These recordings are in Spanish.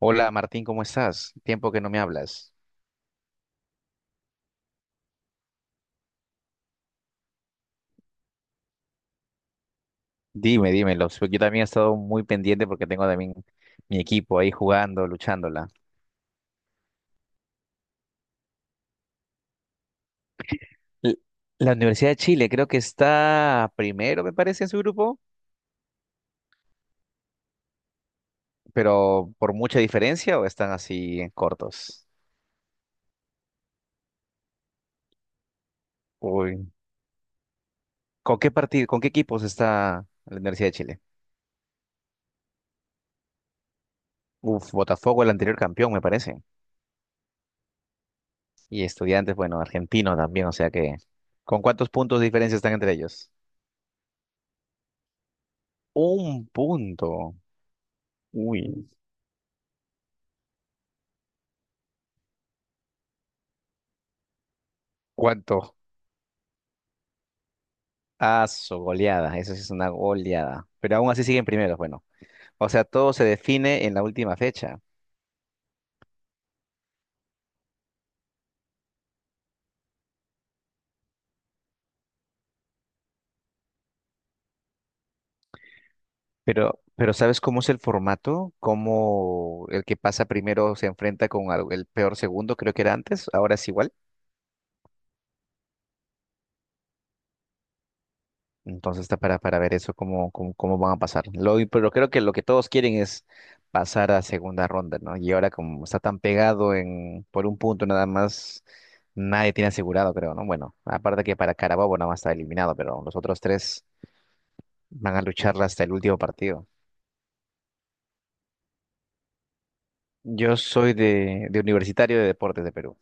Hola Martín, ¿cómo estás? Tiempo que no me hablas. Dime, dímelo. Yo también he estado muy pendiente porque tengo también mi equipo ahí jugando, luchándola. L- La Universidad de Chile creo que está primero, me parece, en su grupo, pero por mucha diferencia o están así cortos. Uy. ¿Con qué partido, con qué equipos está la Universidad de Chile? Uf, Botafogo, el anterior campeón, me parece. Y Estudiantes, bueno, argentino también, o sea que. ¿Con cuántos puntos de diferencia están entre ellos? Un punto. Uy. ¿Cuánto? Ah, su goleada, eso sí es una goleada. Pero aún así siguen primeros, bueno. O sea, todo se define en la última fecha. Pero ¿sabes cómo es el formato? ¿Cómo el que pasa primero se enfrenta con el peor segundo, creo que era antes? Ahora es igual. Entonces está para ver eso cómo, cómo, cómo van a pasar. Lo, pero creo que lo que todos quieren es pasar a segunda ronda, ¿no? Y ahora como está tan pegado en, por un punto nada más, nadie tiene asegurado, creo, ¿no? Bueno, aparte que para Carabobo nada más está eliminado, pero los otros tres van a lucharla hasta el último partido. Yo soy de Universitario de Deportes de Perú.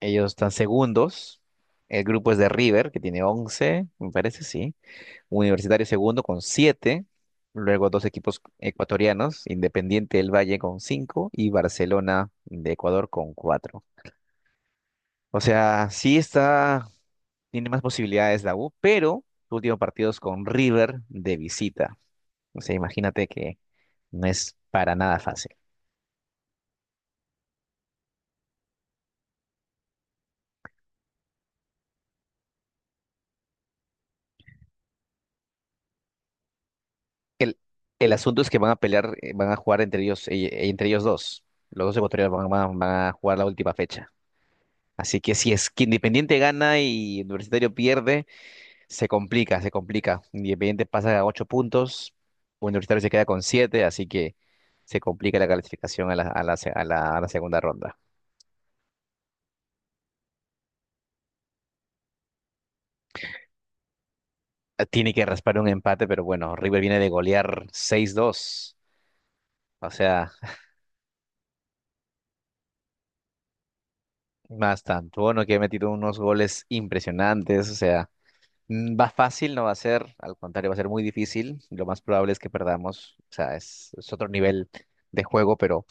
Ellos están segundos. El grupo es de River, que tiene 11, me parece, sí. Universitario segundo con 7, luego dos equipos ecuatorianos, Independiente del Valle con cinco y Barcelona de Ecuador con cuatro. O sea, sí está, tiene más posibilidades la U, pero su último partido es con River de visita. O sea, imagínate que no es para nada fácil. El, el asunto es que van a pelear, van a jugar entre ellos dos. Los dos ecuatorianos van, van a jugar la última fecha. Así que si es que Independiente gana y Universitario pierde, se complica, se complica. Independiente pasa a 8 puntos, Universitario se queda con 7, así que se complica la calificación a la, a la, a a la segunda ronda. Tiene que raspar un empate, pero bueno, River viene de golear 6-2. O sea, más tanto, bueno, que ha metido unos goles impresionantes. O sea, va fácil, no va a ser, al contrario, va a ser muy difícil. Lo más probable es que perdamos. O sea, es otro nivel de juego, pero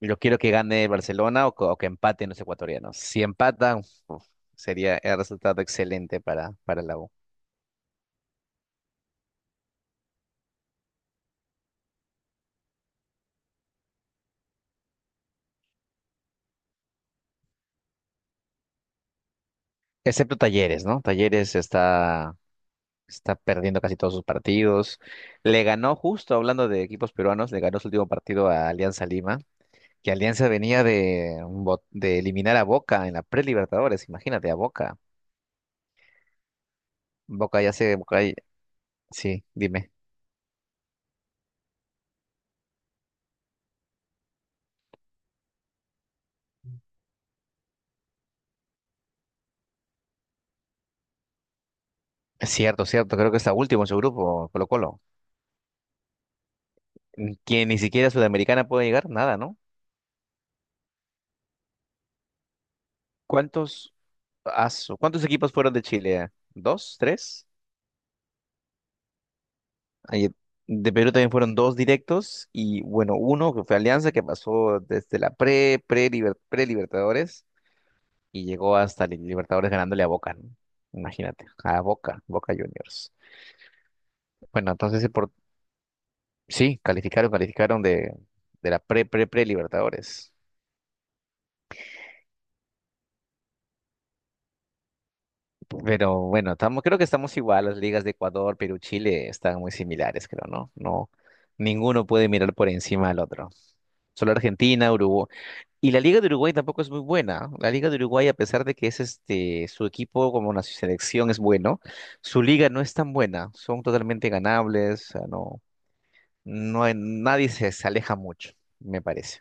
yo quiero que gane el Barcelona o, o que empaten los ecuatorianos. Si empatan, uf, sería el resultado excelente para la U. Excepto Talleres, ¿no? Talleres está, está perdiendo casi todos sus partidos. Le ganó, justo hablando de equipos peruanos, le ganó su último partido a Alianza Lima, que Alianza venía de, un de eliminar a Boca en la pre-Libertadores, imagínate, a Boca. Boca ya se... Sí, dime. Cierto, cierto, creo que está último en su grupo, Colo-Colo. Que ni siquiera Sudamericana puede llegar, nada, ¿no? ¿Cuántos, Cuántos equipos fueron de Chile? ¿Dos? ¿Tres? Ahí- de Perú también fueron dos directos y bueno, uno que fue Alianza que pasó desde la pre-Libertadores y llegó hasta Libertadores ganándole a Boca, ¿no? Imagínate, a Boca, Boca Juniors. Bueno, entonces sí, por, sí, calificaron, calificaron de la pre-Libertadores. Pero bueno, estamos, creo que estamos igual, las ligas de Ecuador, Perú, Chile están muy similares, creo, ¿no? No, ninguno puede mirar por encima al otro. Solo Argentina, Uruguay. Y la Liga de Uruguay tampoco es muy buena. La Liga de Uruguay, a pesar de que es este, su equipo como una selección es bueno, su liga no es tan buena. Son totalmente ganables. O sea, no, nadie se, se aleja mucho, me parece.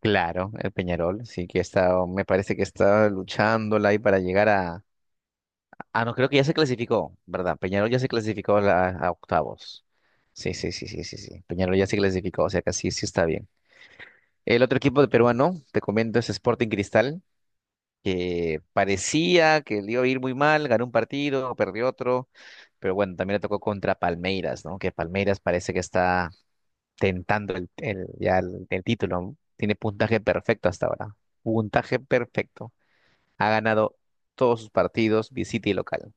Claro, el Peñarol, sí que está, me parece que está luchándola ahí para llegar a. Ah, no, creo que ya se clasificó, ¿verdad? Peñarol ya se clasificó a, a octavos. Sí, sí, sí, sí, sí, sí. Peñarol ya se clasificó, o sea que sí, sí está bien. El otro equipo de peruano, te comento, es Sporting Cristal, que parecía que le iba a ir muy mal, ganó un partido, perdió otro, pero bueno, también le tocó contra Palmeiras, ¿no? Que Palmeiras parece que está tentando el, ya el título, ¿no? Tiene puntaje perfecto hasta ahora, puntaje perfecto. Ha ganado todos sus partidos, visita y local.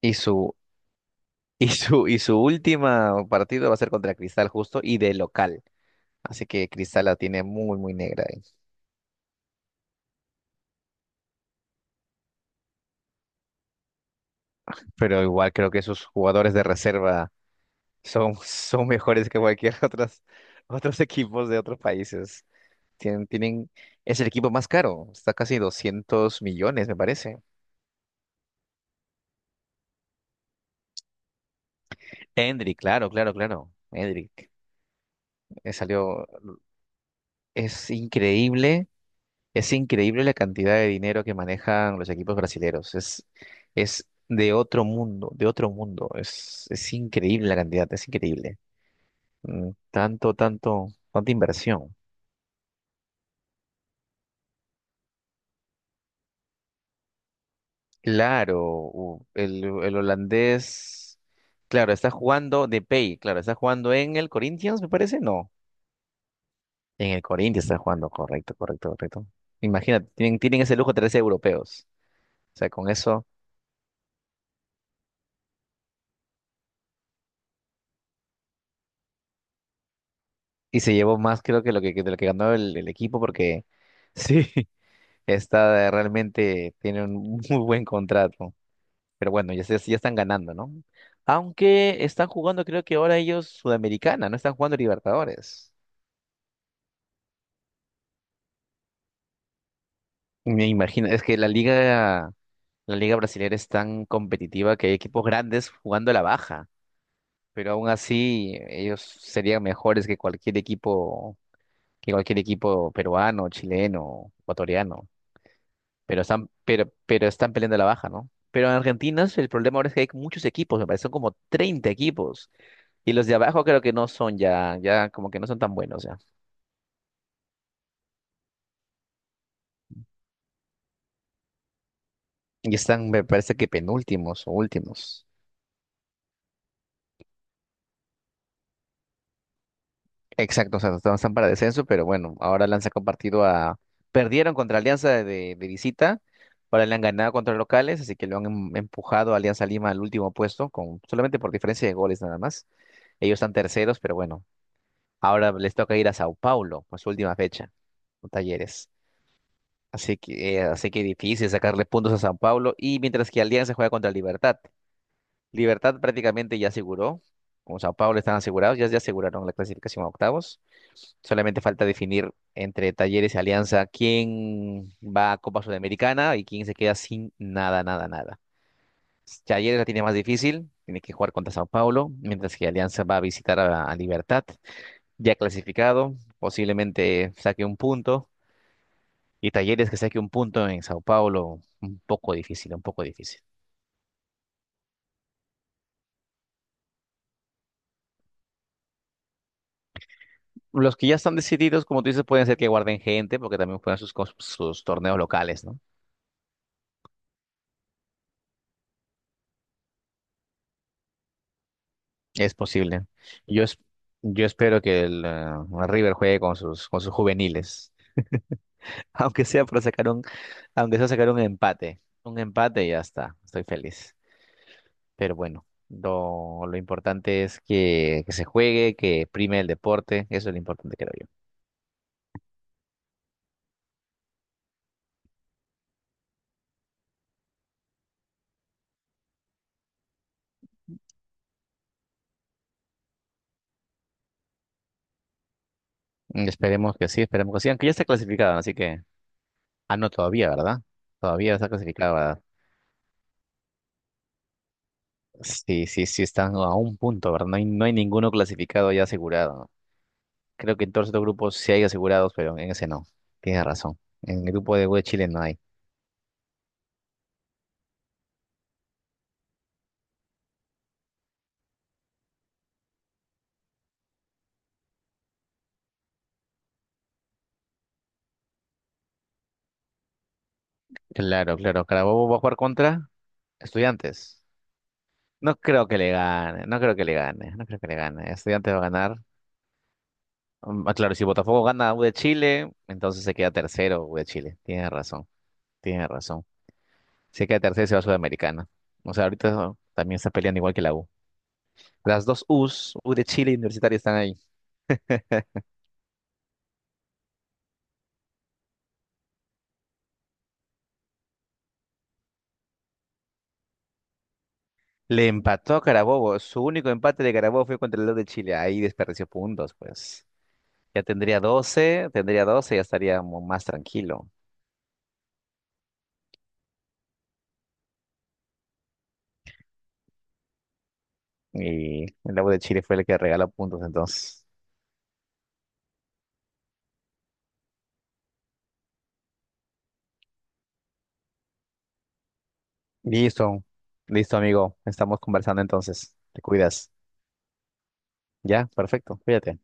Y su, y su última partido va a ser contra Cristal justo y de local. Así que Cristal la tiene muy, muy negra. Pero igual creo que esos jugadores de reserva son, son mejores que cualquier otras, otros equipos de otros países. Tienen, tienen, es el equipo más caro, está casi 200 millones, me parece. Endrick, claro, claro, claro. Endrick, salió, es increíble, es increíble la cantidad de dinero que manejan los equipos brasileños. Es de otro mundo, de otro mundo. Es increíble la cantidad, es increíble. Tanto, tanto, tanta inversión. Claro, el holandés, claro, está jugando de pay, claro, está jugando en el Corinthians, me parece, no, en el Corinthians está jugando, correcto, correcto, correcto. Imagínate, tienen, tienen ese lujo trece europeos, o sea, con eso, y se llevó más creo que lo que de lo que ganó el equipo, porque sí, está realmente, tiene un muy buen contrato, pero bueno, ya, ya están ganando, ¿no? Aunque están jugando, creo que ahora ellos Sudamericana, no están jugando Libertadores. Me imagino, es que la liga brasileña es tan competitiva que hay equipos grandes jugando a la baja, pero aún así ellos serían mejores que cualquier equipo peruano, chileno, ecuatoriano, pero están peleando a la baja, ¿no? Pero en Argentina el problema ahora es que hay muchos equipos, me parece son como 30 equipos, y los de abajo creo que no son ya, ya como que no son tan buenos ya, y están, me parece que penúltimos o últimos. Exacto, o sea, no están para descenso, pero bueno, ahora le han sacado partido a... Perdieron contra Alianza de visita, ahora le han ganado contra locales, así que lo han empujado a Alianza Lima al último puesto, con... solamente por diferencia de goles nada más. Ellos están terceros, pero bueno, ahora les toca ir a Sao Paulo, por su última fecha, con Talleres. Así que difícil sacarle puntos a Sao Paulo, y mientras que Alianza juega contra Libertad. Libertad prácticamente ya aseguró, como Sao Paulo están asegurados, ya, ya aseguraron la clasificación a octavos. Solamente falta definir entre Talleres y Alianza quién va a Copa Sudamericana y quién se queda sin nada, nada, nada. Talleres la tiene más difícil, tiene que jugar contra Sao Paulo, mientras que Alianza va a visitar a Libertad, ya clasificado, posiblemente saque un punto, y Talleres que saque un punto en Sao Paulo, un poco difícil, un poco difícil. Los que ya están decididos, como tú dices, pueden ser que guarden gente, porque también juegan sus, sus torneos locales, ¿no? Es posible. Yo, yo espero que el River juegue con sus juveniles. Aunque sea para sacar un, aunque sea sacar un empate. Un empate y ya está. Estoy feliz. Pero bueno, lo importante es que se juegue, que prime el deporte. Eso es lo importante, creo yo. Esperemos que sí, esperemos que sí. Aunque ya está clasificado, así que. Ah, no, todavía, ¿verdad? Todavía está clasificado, ¿verdad? Sí, sí, sí, están a un punto, ¿verdad? No hay, no hay ninguno clasificado ya asegurado. Creo que en todos estos grupos sí hay asegurados, pero en ese no. Tienes razón. En el grupo de U de Chile no hay. Claro, claro. Carabobo va a jugar contra Estudiantes. No creo que le gane, no creo que le gane, no creo que le gane. Estudiantes va a ganar. Claro, si Botafogo gana a U de Chile, entonces se queda tercero U de Chile. Tienes razón, tienes razón. Si queda tercero se va a Sudamericana. O sea, ahorita también está peleando igual que la U. Las dos U's, U de Chile y Universitario están ahí. Le empató a Carabobo. Su único empate de Carabobo fue contra el Lod de Chile. Ahí desperdició puntos, pues. Ya tendría 12, tendría 12, ya estaría más tranquilo. Y el Lobo de Chile fue el que regaló puntos, entonces. Listo, listo, amigo. Estamos conversando entonces. Te cuidas. Ya, perfecto. Cuídate.